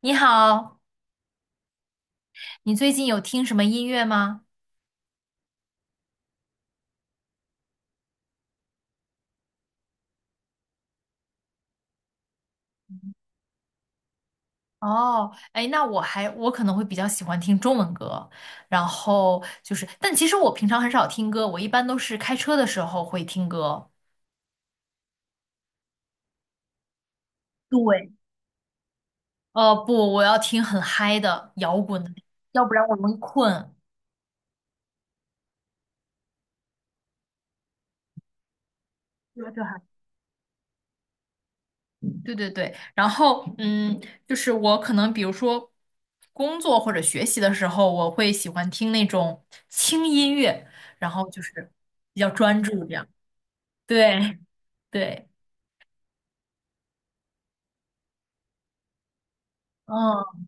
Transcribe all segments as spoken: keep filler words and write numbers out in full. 你好，你最近有听什么音乐吗？哦，哎，那我还我可能会比较喜欢听中文歌，然后就是，但其实我平常很少听歌，我一般都是开车的时候会听歌。对，呃，不，我要听很嗨的摇滚的，要不然我容易困。对对还对对对，然后嗯，就是我可能比如说工作或者学习的时候，我会喜欢听那种轻音乐，然后就是比较专注这样。对，对，嗯，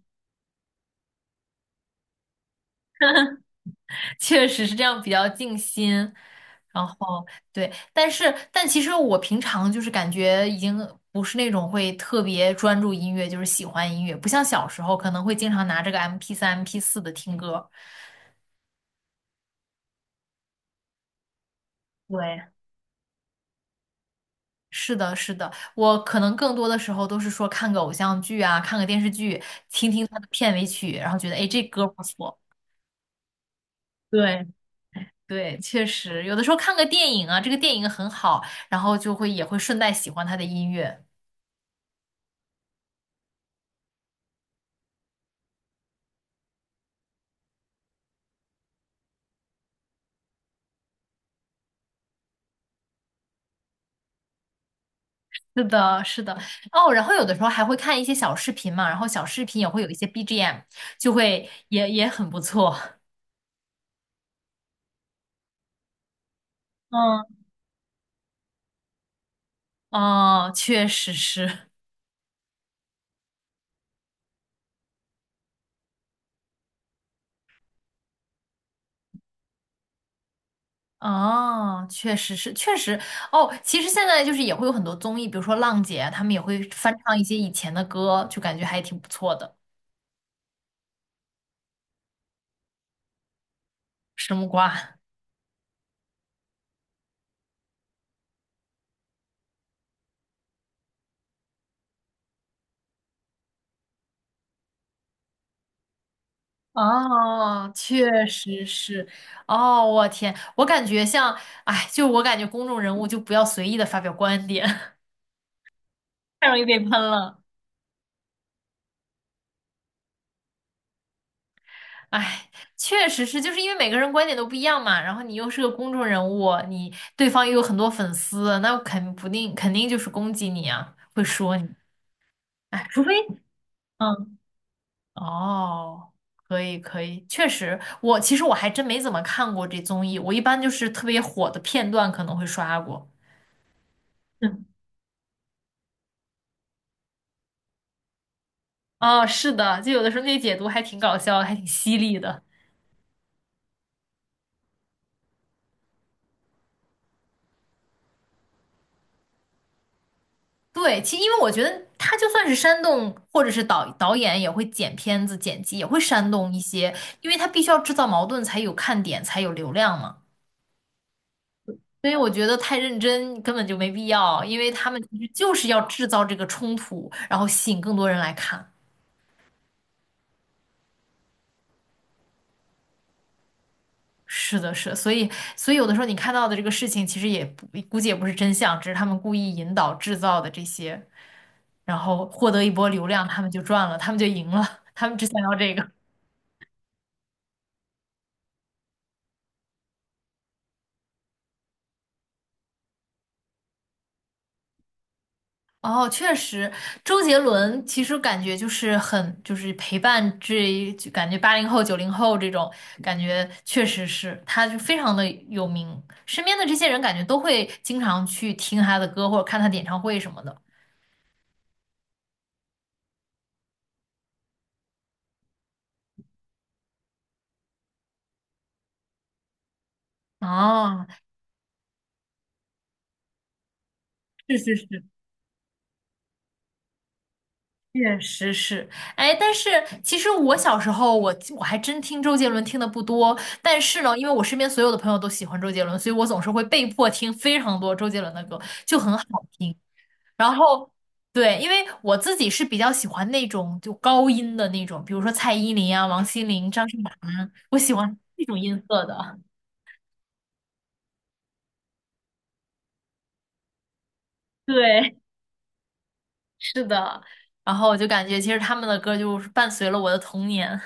确实是这样，比较静心。然后对，但是但其实我平常就是感觉已经不是那种会特别专注音乐，就是喜欢音乐，不像小时候可能会经常拿这个 m p 三、m p 四的听歌。对，是的，是的，我可能更多的时候都是说看个偶像剧啊，看个电视剧，听听它的片尾曲，然后觉得哎这歌不错。对，对，确实，有的时候看个电影啊，这个电影很好，然后就会也会顺带喜欢它的音乐。是的，是的，哦，然后有的时候还会看一些小视频嘛，然后小视频也会有一些 B G M，就会也也很不错。嗯，哦，确实是，哦，确实是，确实，哦，其实现在就是也会有很多综艺，比如说浪姐啊他们也会翻唱一些以前的歌，就感觉还挺不错的。什木瓜？哦，确实是。哦，我天，我感觉像，哎，就我感觉公众人物就不要随意的发表观点，太容易被喷了。哎，确实是，就是因为每个人观点都不一样嘛，然后你又是个公众人物，你对方又有很多粉丝，那肯不定肯定就是攻击你啊，会说你。哎，除非，嗯，哦，可以可以，确实，我其实我还真没怎么看过这综艺，我一般就是特别火的片段可能会刷过。嗯，哦，是的，就有的时候那解读还挺搞笑，还挺犀利的。对，其因为我觉得他就算是煽动，或者是导导演也会剪片子、剪辑也会煽动一些，因为他必须要制造矛盾才有看点，才有流量嘛。所以我觉得太认真根本就没必要，因为他们其实就是要制造这个冲突，然后吸引更多人来看。是的，是的，所以所以有的时候你看到的这个事情，其实也不估计也不是真相，只是他们故意引导制造的这些，然后获得一波流量，他们就赚了，他们就赢了，他们只想要这个。哦，确实，周杰伦其实感觉就是很，就是陪伴这，就感觉八零后、九零后这种感觉，确实是，他就非常的有名，身边的这些人感觉都会经常去听他的歌或者看他的演唱会什么的。哦，是是是，确实是。哎，但是其实我小时候我我还真听周杰伦听的不多，但是呢，因为我身边所有的朋友都喜欢周杰伦，所以我总是会被迫听非常多周杰伦的歌，就很好听。然后，对，因为我自己是比较喜欢那种就高音的那种，比如说蔡依林啊、王心凌、张韶涵，我喜欢那种音色的。对，是的。然后我就感觉其实他们的歌就是伴随了我的童年。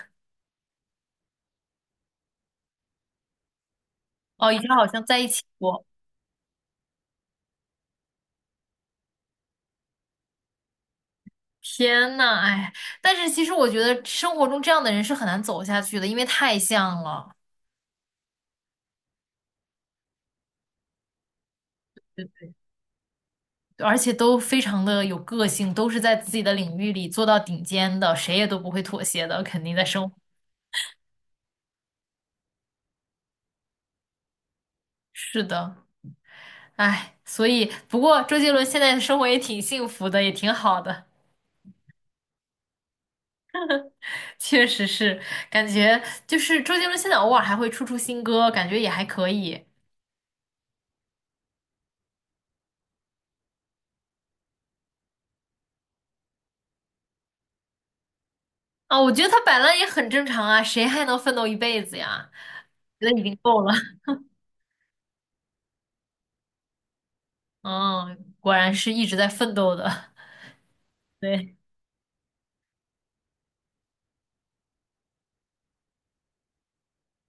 哦，以前好像在一起过。天呐，哎，但是其实我觉得生活中这样的人是很难走下去的，因为太像了，而且都非常的有个性，都是在自己的领域里做到顶尖的，谁也都不会妥协的，肯定在生活。是的。唉，所以不过周杰伦现在的生活也挺幸福的，也挺好的，确实是感觉就是周杰伦现在偶尔还会出出新歌，感觉也还可以啊。我觉得他摆烂也很正常啊，谁还能奋斗一辈子呀？觉得已经够了。嗯，果然是一直在奋斗的。对，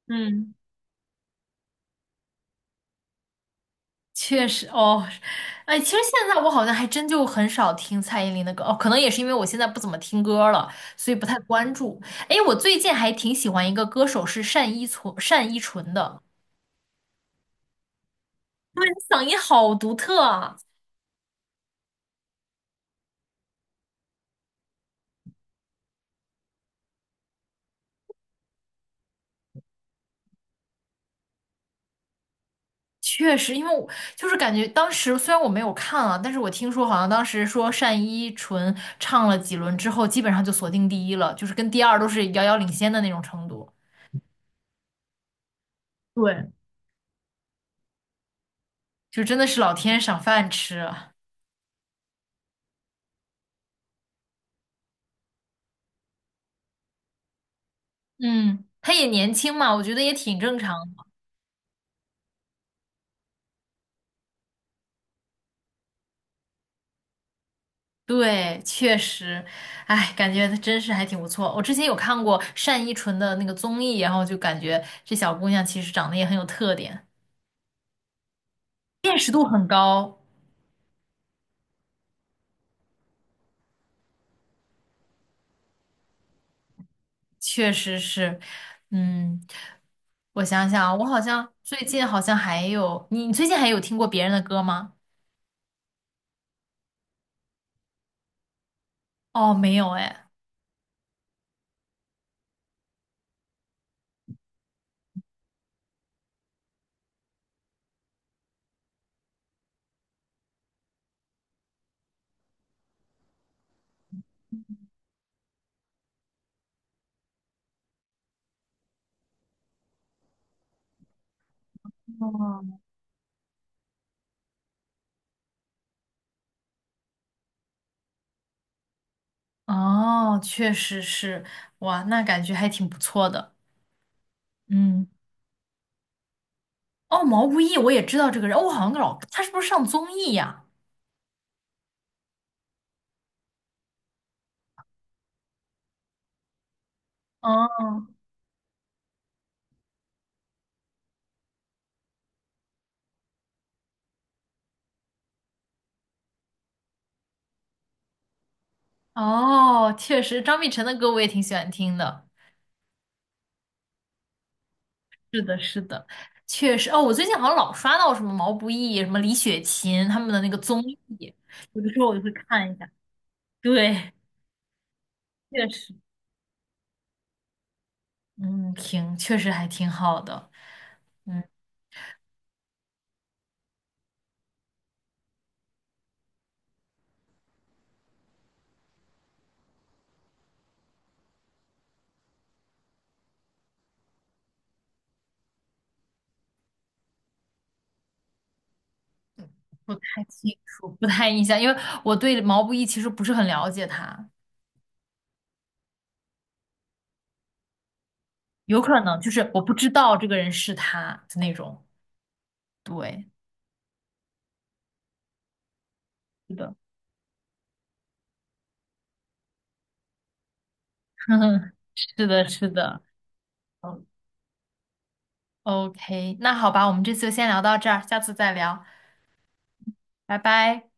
嗯。确实哦，哎，其实现在我好像还真就很少听蔡依林的歌哦，可能也是因为我现在不怎么听歌了，所以不太关注。哎，我最近还挺喜欢一个歌手是单依纯，单依纯的，对，嗓音好独特啊。确实，因为我就是感觉当时虽然我没有看啊，但是我听说好像当时说单依纯唱了几轮之后，基本上就锁定第一了，就是跟第二都是遥遥领先的那种程度。对，就真的是老天赏饭吃啊。嗯，她也年轻嘛，我觉得也挺正常的。对，确实，哎，感觉她真是还挺不错。我之前有看过单依纯的那个综艺，然后就感觉这小姑娘其实长得也很有特点，辨识度很高，确实是。嗯，我想想啊我好像最近好像还有，你你最近还有听过别人的歌吗？哦，没有哎。哦，哦，确实是，哇，那感觉还挺不错的。嗯。哦，毛不易，我也知道这个人，哦，我好像老，他是不是上综艺呀？哦，哦，确实，张碧晨的歌我也挺喜欢听的，是的，是的，确实。哦，我最近好像老刷到什么毛不易、什么李雪琴他们的那个综艺，有的时候我就会看一下。对，确实，嗯，挺，确实还挺好的，嗯，不太清楚，不太印象，因为我对毛不易其实不是很了解他，有可能就是我不知道这个人是他的那种，对。是的。是的，是的。嗯 OK，那好吧，我们这次就先聊到这儿，下次再聊，拜拜。